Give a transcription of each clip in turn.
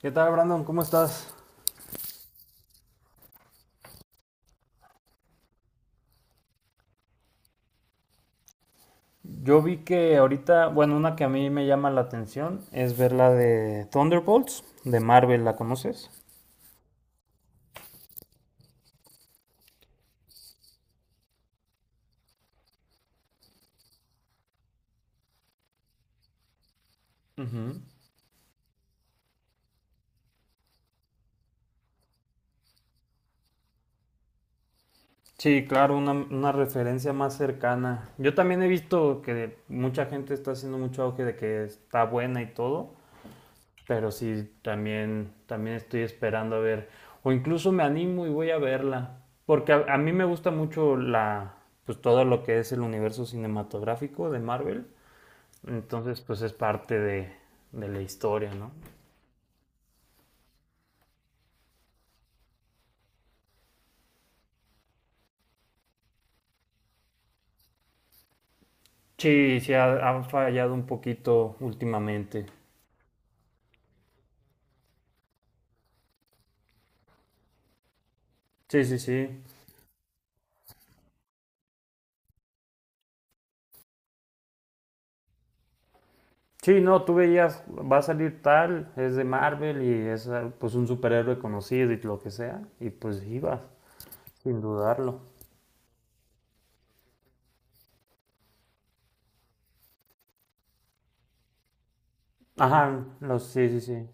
¿Qué tal, Brandon? ¿Cómo estás? Yo vi que ahorita, bueno, una que a mí me llama la atención es ver la de Thunderbolts, de Marvel, ¿la conoces? Ujú. Sí, claro, una referencia más cercana. Yo también he visto que mucha gente está haciendo mucho auge de que está buena y todo, pero sí, también, también estoy esperando a ver, o incluso me animo y voy a verla, porque a mí me gusta mucho la, pues todo lo que es el universo cinematográfico de Marvel. Entonces, pues es parte de la historia, ¿no? Sí, sí, ha fallado un poquito últimamente. Sí, sí, sí. Sí, no, tú veías, va a salir tal, es de Marvel y es ah, pues un superhéroe conocido y lo que sea, y pues ibas, sin dudarlo. Ajá, no, sí, sí, sí.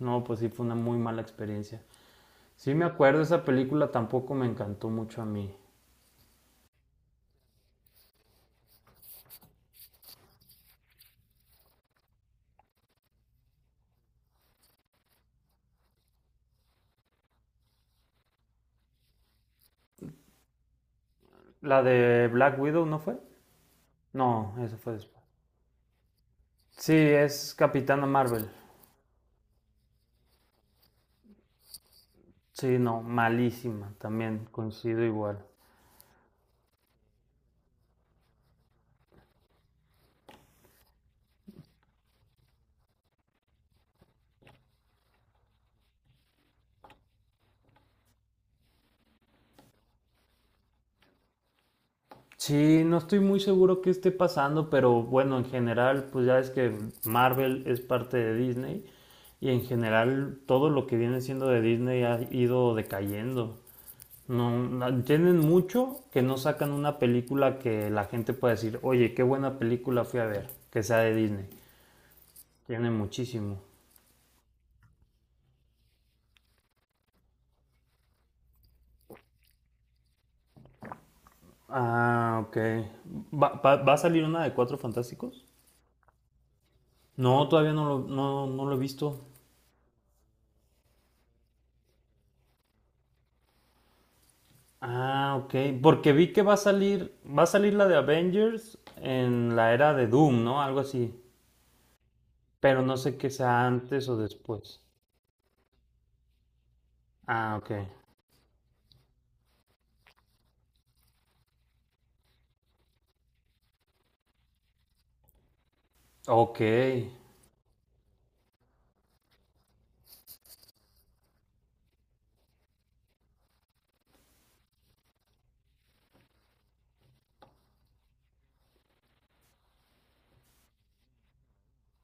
No, pues sí fue una muy mala experiencia. Sí me acuerdo, esa película tampoco me encantó mucho a mí. ¿La de Black Widow no fue? No, esa fue después. Sí, es Capitana Marvel. Sí, no, malísima, también coincido igual. Sí, no estoy muy seguro qué esté pasando, pero bueno, en general, pues ya es que Marvel es parte de Disney y en general todo lo que viene siendo de Disney ha ido decayendo. No, no- tienen mucho que no sacan una película que la gente pueda decir, oye, qué buena película fui a ver, que sea de Disney. Tienen muchísimo. Ah, ok. ¿Va, va- va a salir una de Cuatro Fantásticos? No, todavía no lo, no, no lo he visto. Ah, ok. Porque vi que va a salir la de Avengers en la era de Doom, ¿no? Algo así. Pero no sé qué sea antes o después. Ah, ok. Ok.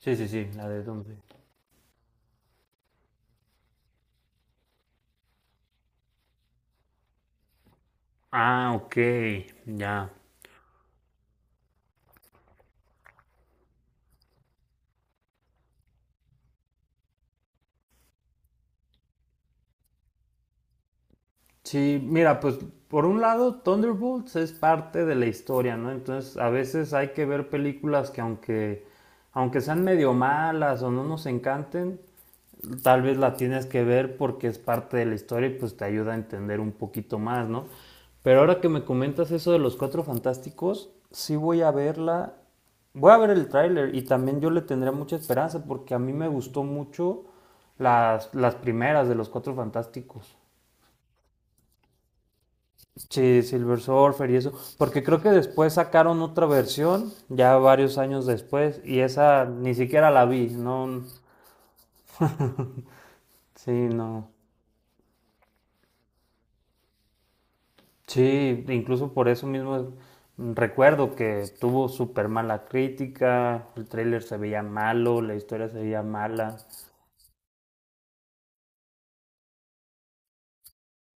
Sí, sí, sí, la de Doom, sí. Ah, ok. Ya. Sí, mira, pues por un lado, Thunderbolts es parte de la historia, ¿no? Entonces, a veces hay que ver películas que aunque, aunque sean medio malas o no nos encanten, tal vez la tienes que ver porque es parte de la historia y pues te ayuda a entender un poquito más, ¿no? Pero ahora que me comentas eso de los cuatro fantásticos, sí voy a verla, voy a ver el tráiler y también yo le tendría mucha esperanza porque a mí me gustó mucho las primeras de los cuatro fantásticos. Sí, Silver Surfer y eso, porque creo que después sacaron otra versión, ya varios años después, y esa ni siquiera la vi, no, sí, no. Sí, incluso por eso mismo recuerdo que tuvo súper mala crítica, el tráiler se veía malo, la historia se veía mala.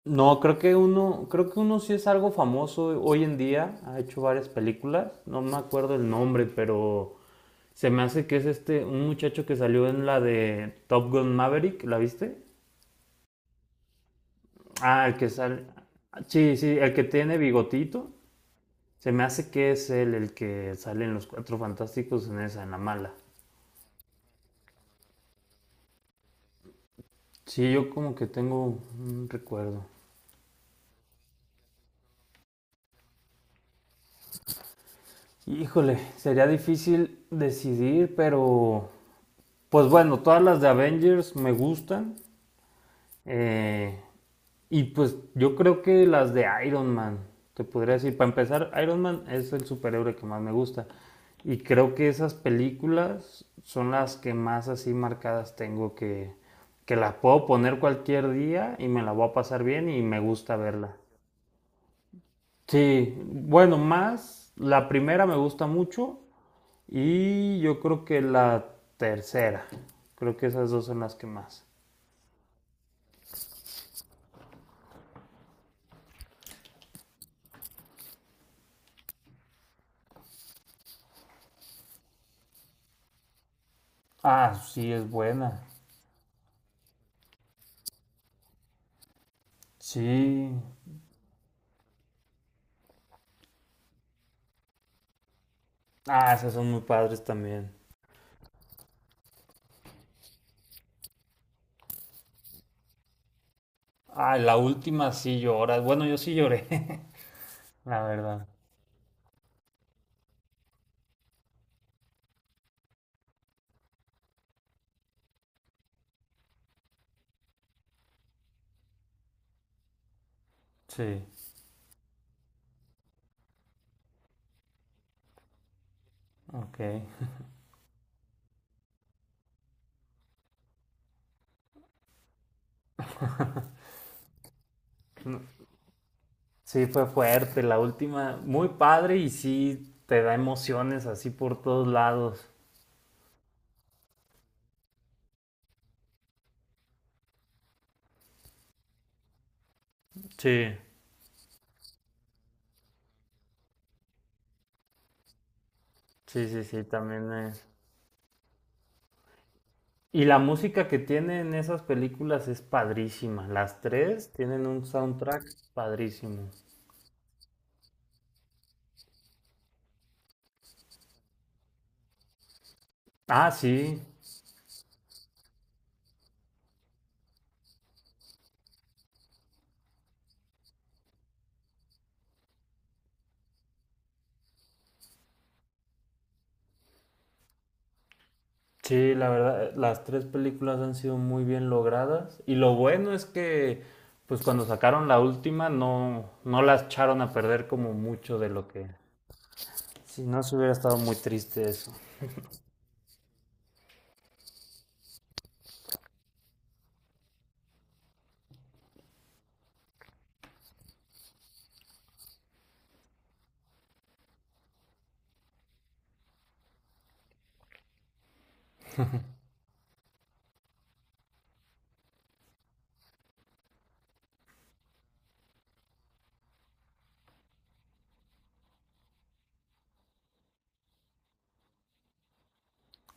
No, creo que uno sí es algo famoso hoy en día, ha hecho varias películas, no me acuerdo el nombre, pero se me hace que es este, un muchacho que salió en la de Top Gun Maverick, ¿la viste? Ah, el que sale, sí, sí, el que tiene bigotito, se me hace que es él el que sale en Los Cuatro Fantásticos en esa, en la mala. Sí, yo como que tengo un recuerdo. Híjole, sería difícil decidir, pero pues bueno, todas las de Avengers me gustan. Eh, y pues yo creo que las de Iron Man, te podría decir, para empezar, Iron Man es el superhéroe que más me gusta. Y creo que esas películas son las que más así marcadas tengo que las puedo poner cualquier día y me la voy a pasar bien y me gusta verla. Sí, bueno, más la primera me gusta mucho y yo creo que la tercera. Creo que esas dos son las que más. Ah, sí, es buena. Sí. Ah, esas son muy padres también. Ah, la última sí lloras. Bueno, yo sí lloré, la verdad. Sí. Ok. No, sí, fue fuerte la última. Muy padre y sí te da emociones así por todos lados. Sí. Sí, sí, sí, también es. Y la música que tienen esas películas es padrísima. Las tres tienen un soundtrack padrísimo. Ah, sí, sí, la verdad, las tres películas han sido muy bien logradas. Y lo bueno es que, pues cuando sacaron la última, no, no las echaron a perder como mucho de lo que... Si no, se hubiera estado muy triste eso.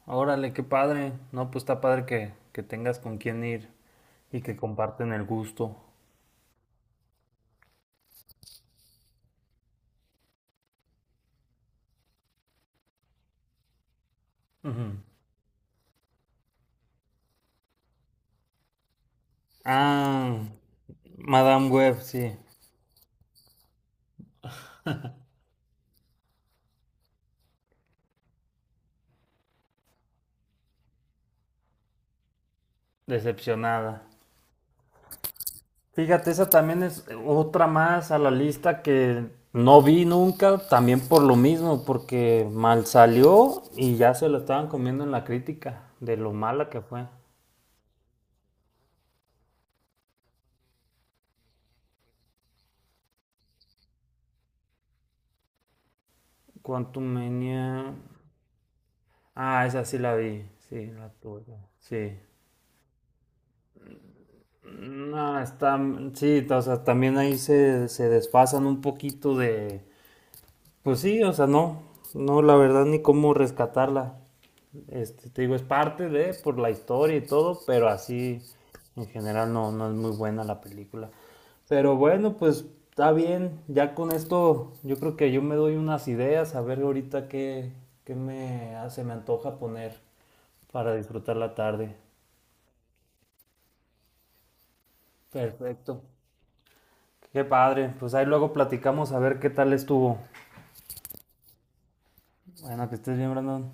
Órale, qué padre. No, pues está padre que tengas con quién ir y que comparten el gusto. Ujú. Ah, Madame Web, sí. Decepcionada. Fíjate, esa también es otra más a la lista que no vi nunca, también por lo mismo, porque mal salió y ya se lo estaban comiendo en la crítica de lo mala que fue. Quantum Mania. Ah, esa sí la vi, sí, la tuve. Sí. No, está, sí, o sea, también ahí se, se desfasan un poquito de... Pues sí, o sea, no, no, la verdad ni cómo rescatarla. Este, te digo, es parte de, por la historia y todo, pero así en general no, no es muy buena la película. Pero bueno, pues está bien, ya con esto yo creo que yo me doy unas ideas, a ver ahorita qué, qué me, ah, se me antoja poner para disfrutar la tarde. Perfecto. Qué padre, pues ahí luego platicamos a ver qué tal estuvo. Bueno, que estés bien, Brandon.